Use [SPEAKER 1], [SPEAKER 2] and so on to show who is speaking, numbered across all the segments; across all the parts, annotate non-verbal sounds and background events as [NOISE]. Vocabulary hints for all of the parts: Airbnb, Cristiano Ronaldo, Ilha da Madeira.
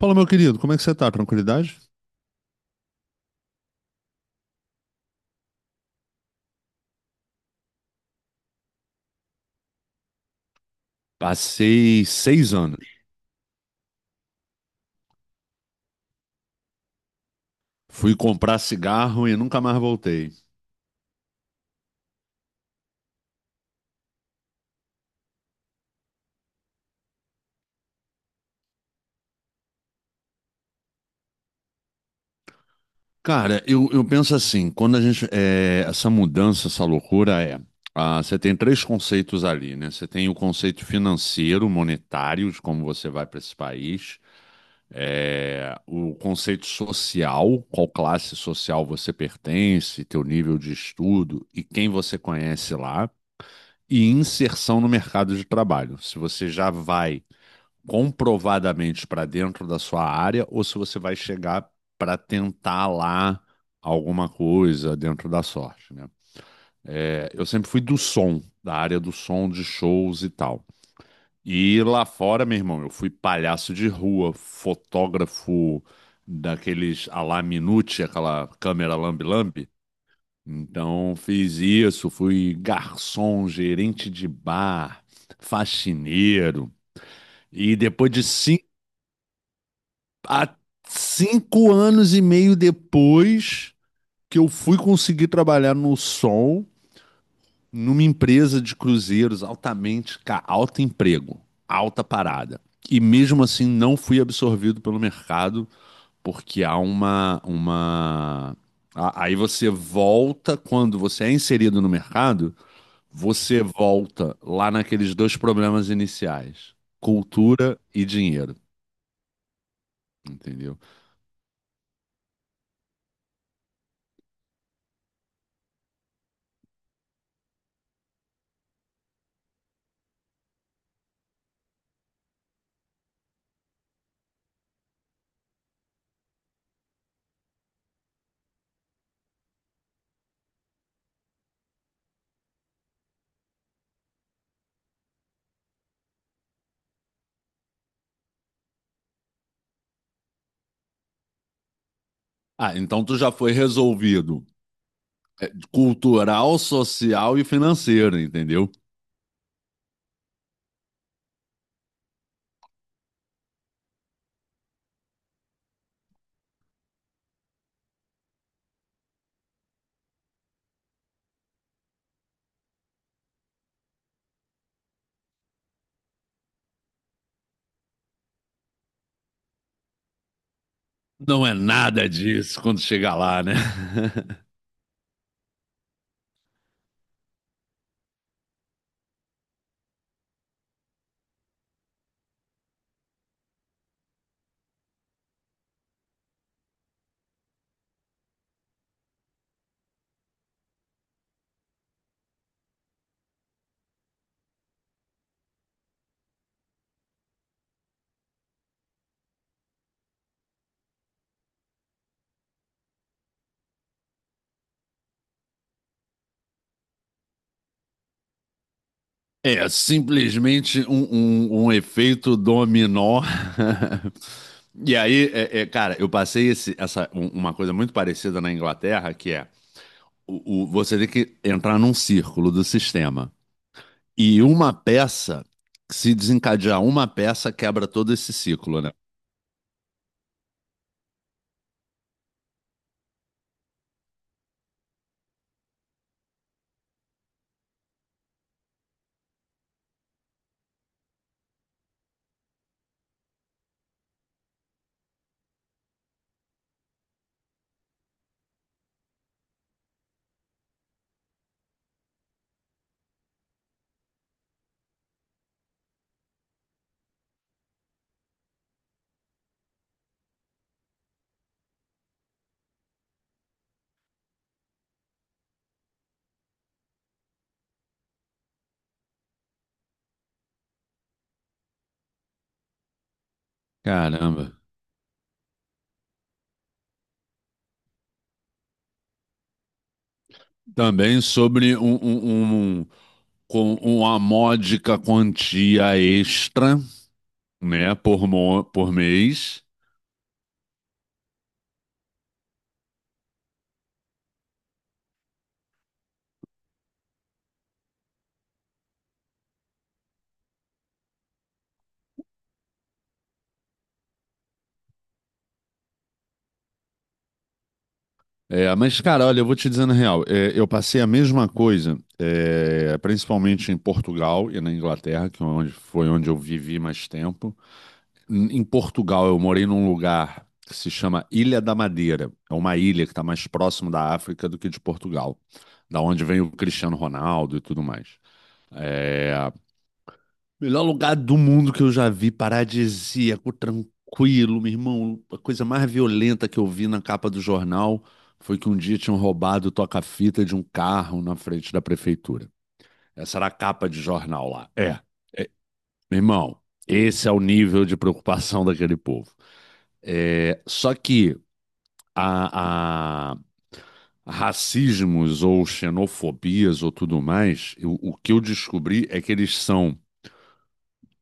[SPEAKER 1] Fala, meu querido, como é que você tá? Tranquilidade? Passei 6 anos. Fui comprar cigarro e nunca mais voltei. Cara, eu penso assim, quando a gente. É, essa mudança, essa loucura é. Ah, você tem três conceitos ali, né? Você tem o conceito financeiro, monetário, de como você vai para esse país. O conceito social, qual classe social você pertence, teu nível de estudo e quem você conhece lá. E inserção no mercado de trabalho. Se você já vai comprovadamente para dentro da sua área ou se você vai chegar para tentar lá alguma coisa dentro da sorte, né? É, eu sempre fui do som, da área do som, de shows e tal. E lá fora, meu irmão, eu fui palhaço de rua, fotógrafo daqueles à la Minute, aquela câmera lambe-lambe. Então, fiz isso, fui garçom, gerente de bar, faxineiro. E depois de cinco Há 5 anos e meio depois que eu fui conseguir trabalhar no Sol, numa empresa de cruzeiros alto emprego, alta parada. E mesmo assim não fui absorvido pelo mercado. Porque há uma... a- Aí você volta, quando você é inserido no mercado, você volta lá naqueles dois problemas iniciais, cultura e dinheiro, entendeu? Ah, então tu já foi resolvido cultural, social e financeiro, entendeu? Não é nada disso quando chegar lá, né? [LAUGHS] É simplesmente um efeito dominó. [LAUGHS] E aí, cara, eu passei uma coisa muito parecida na Inglaterra, que é você tem que entrar num círculo do sistema. E uma peça, se desencadear uma peça, quebra todo esse ciclo, né? Caramba. Também sobre um, com uma módica quantia extra, né, por mês. É, mas, cara, olha, eu vou te dizendo a real, eu passei a mesma coisa, principalmente em Portugal e na Inglaterra, foi onde eu vivi mais tempo. Em Portugal, eu morei num lugar que se chama Ilha da Madeira. É uma ilha que está mais próximo da África do que de Portugal, da onde vem o Cristiano Ronaldo e tudo mais. É, melhor lugar do mundo que eu já vi, paradisíaco, tranquilo, meu irmão. A coisa mais violenta que eu vi na capa do jornal foi que um dia tinham roubado o toca-fita de um carro na frente da prefeitura. Essa era a capa de jornal lá. É, meu irmão, esse é o nível de preocupação daquele povo. É, só que a, a- racismos ou xenofobias ou tudo mais, o que eu descobri é que eles são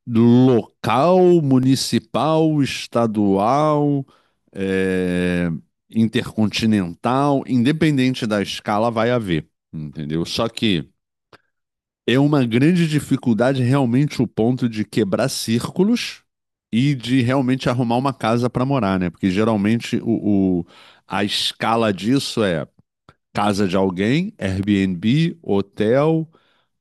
[SPEAKER 1] local, municipal, estadual, é, intercontinental, independente da escala, vai haver, entendeu? Só que é uma grande dificuldade realmente o ponto de quebrar círculos e de realmente arrumar uma casa para morar, né? Porque geralmente a escala disso é casa de alguém, Airbnb, hotel,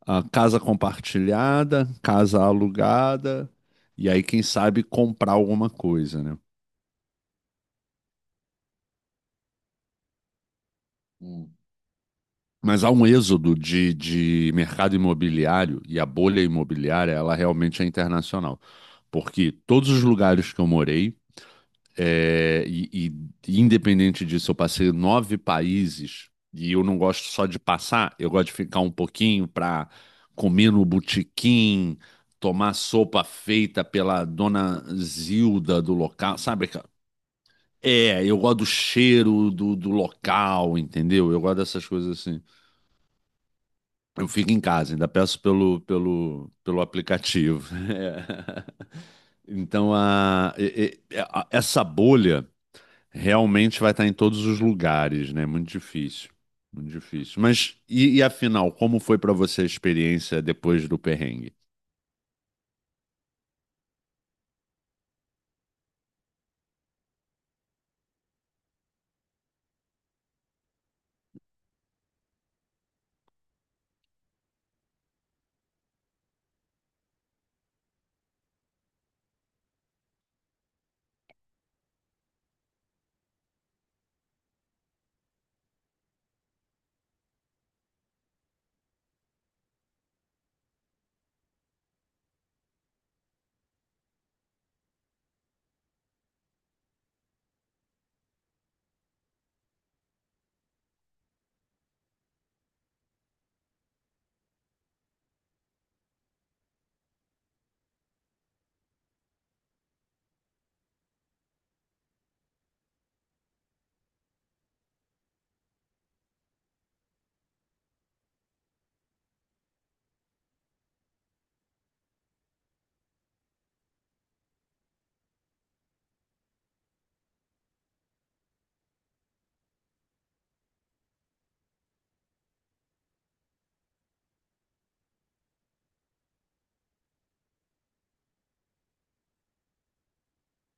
[SPEAKER 1] a casa compartilhada, casa alugada, e aí, quem sabe, comprar alguma coisa, né? Hum. Mas há um êxodo de mercado imobiliário e a bolha imobiliária, ela realmente é internacional. Porque todos os lugares que eu morei. É, e, e independente disso, eu passei nove países e eu não gosto só de passar, eu gosto de ficar um pouquinho para comer no botequim, tomar sopa feita pela dona Zilda do local, sabe? É, eu gosto do cheiro do local, entendeu? Eu gosto dessas coisas assim. Eu fico em casa, ainda peço pelo aplicativo. [LAUGHS] É. Então, a, e- a- essa bolha. Realmente vai estar em todos os lugares, né? Muito difícil. Muito difícil. Mas e afinal, como foi pra você a experiência depois do perrengue?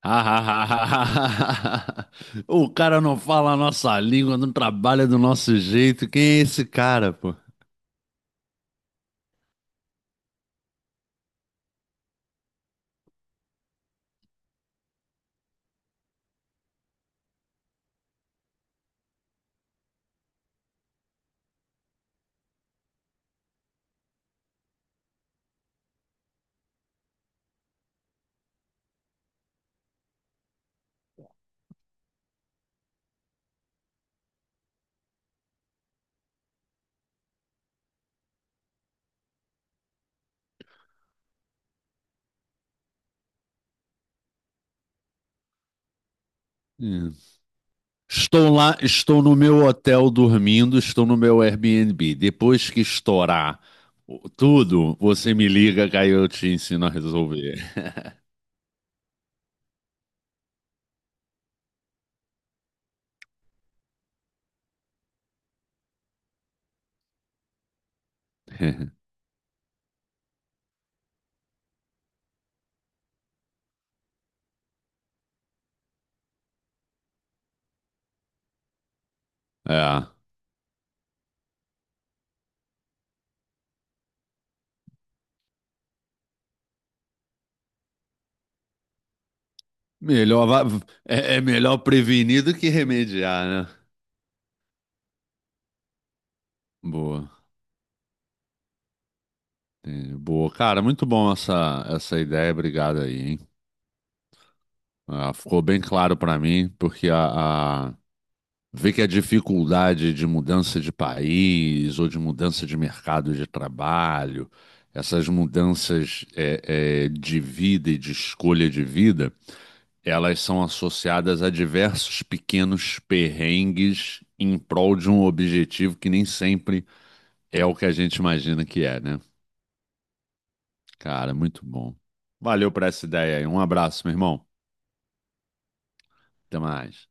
[SPEAKER 1] [LAUGHS] O cara não fala a nossa língua, não trabalha do nosso jeito. Quem é esse cara, pô? Hum. Estou lá, estou no meu hotel dormindo, estou no meu Airbnb. Depois que estourar tudo, você me liga que aí eu te ensino a resolver. [LAUGHS] É. Melhor, va- é melhor prevenir do que remediar, né? Boa, entendi. Boa. Cara, muito bom essa ideia, obrigado aí, hein? Ah, ficou bem claro pra mim, porque ver que a dificuldade de mudança de país ou de mudança de mercado de trabalho, essas mudanças de vida e de escolha de vida, elas são associadas a diversos pequenos perrengues em prol de um objetivo que nem sempre é o que a gente imagina que é, né? Cara, muito bom. Valeu por essa ideia aí. Um abraço, meu irmão. Até mais.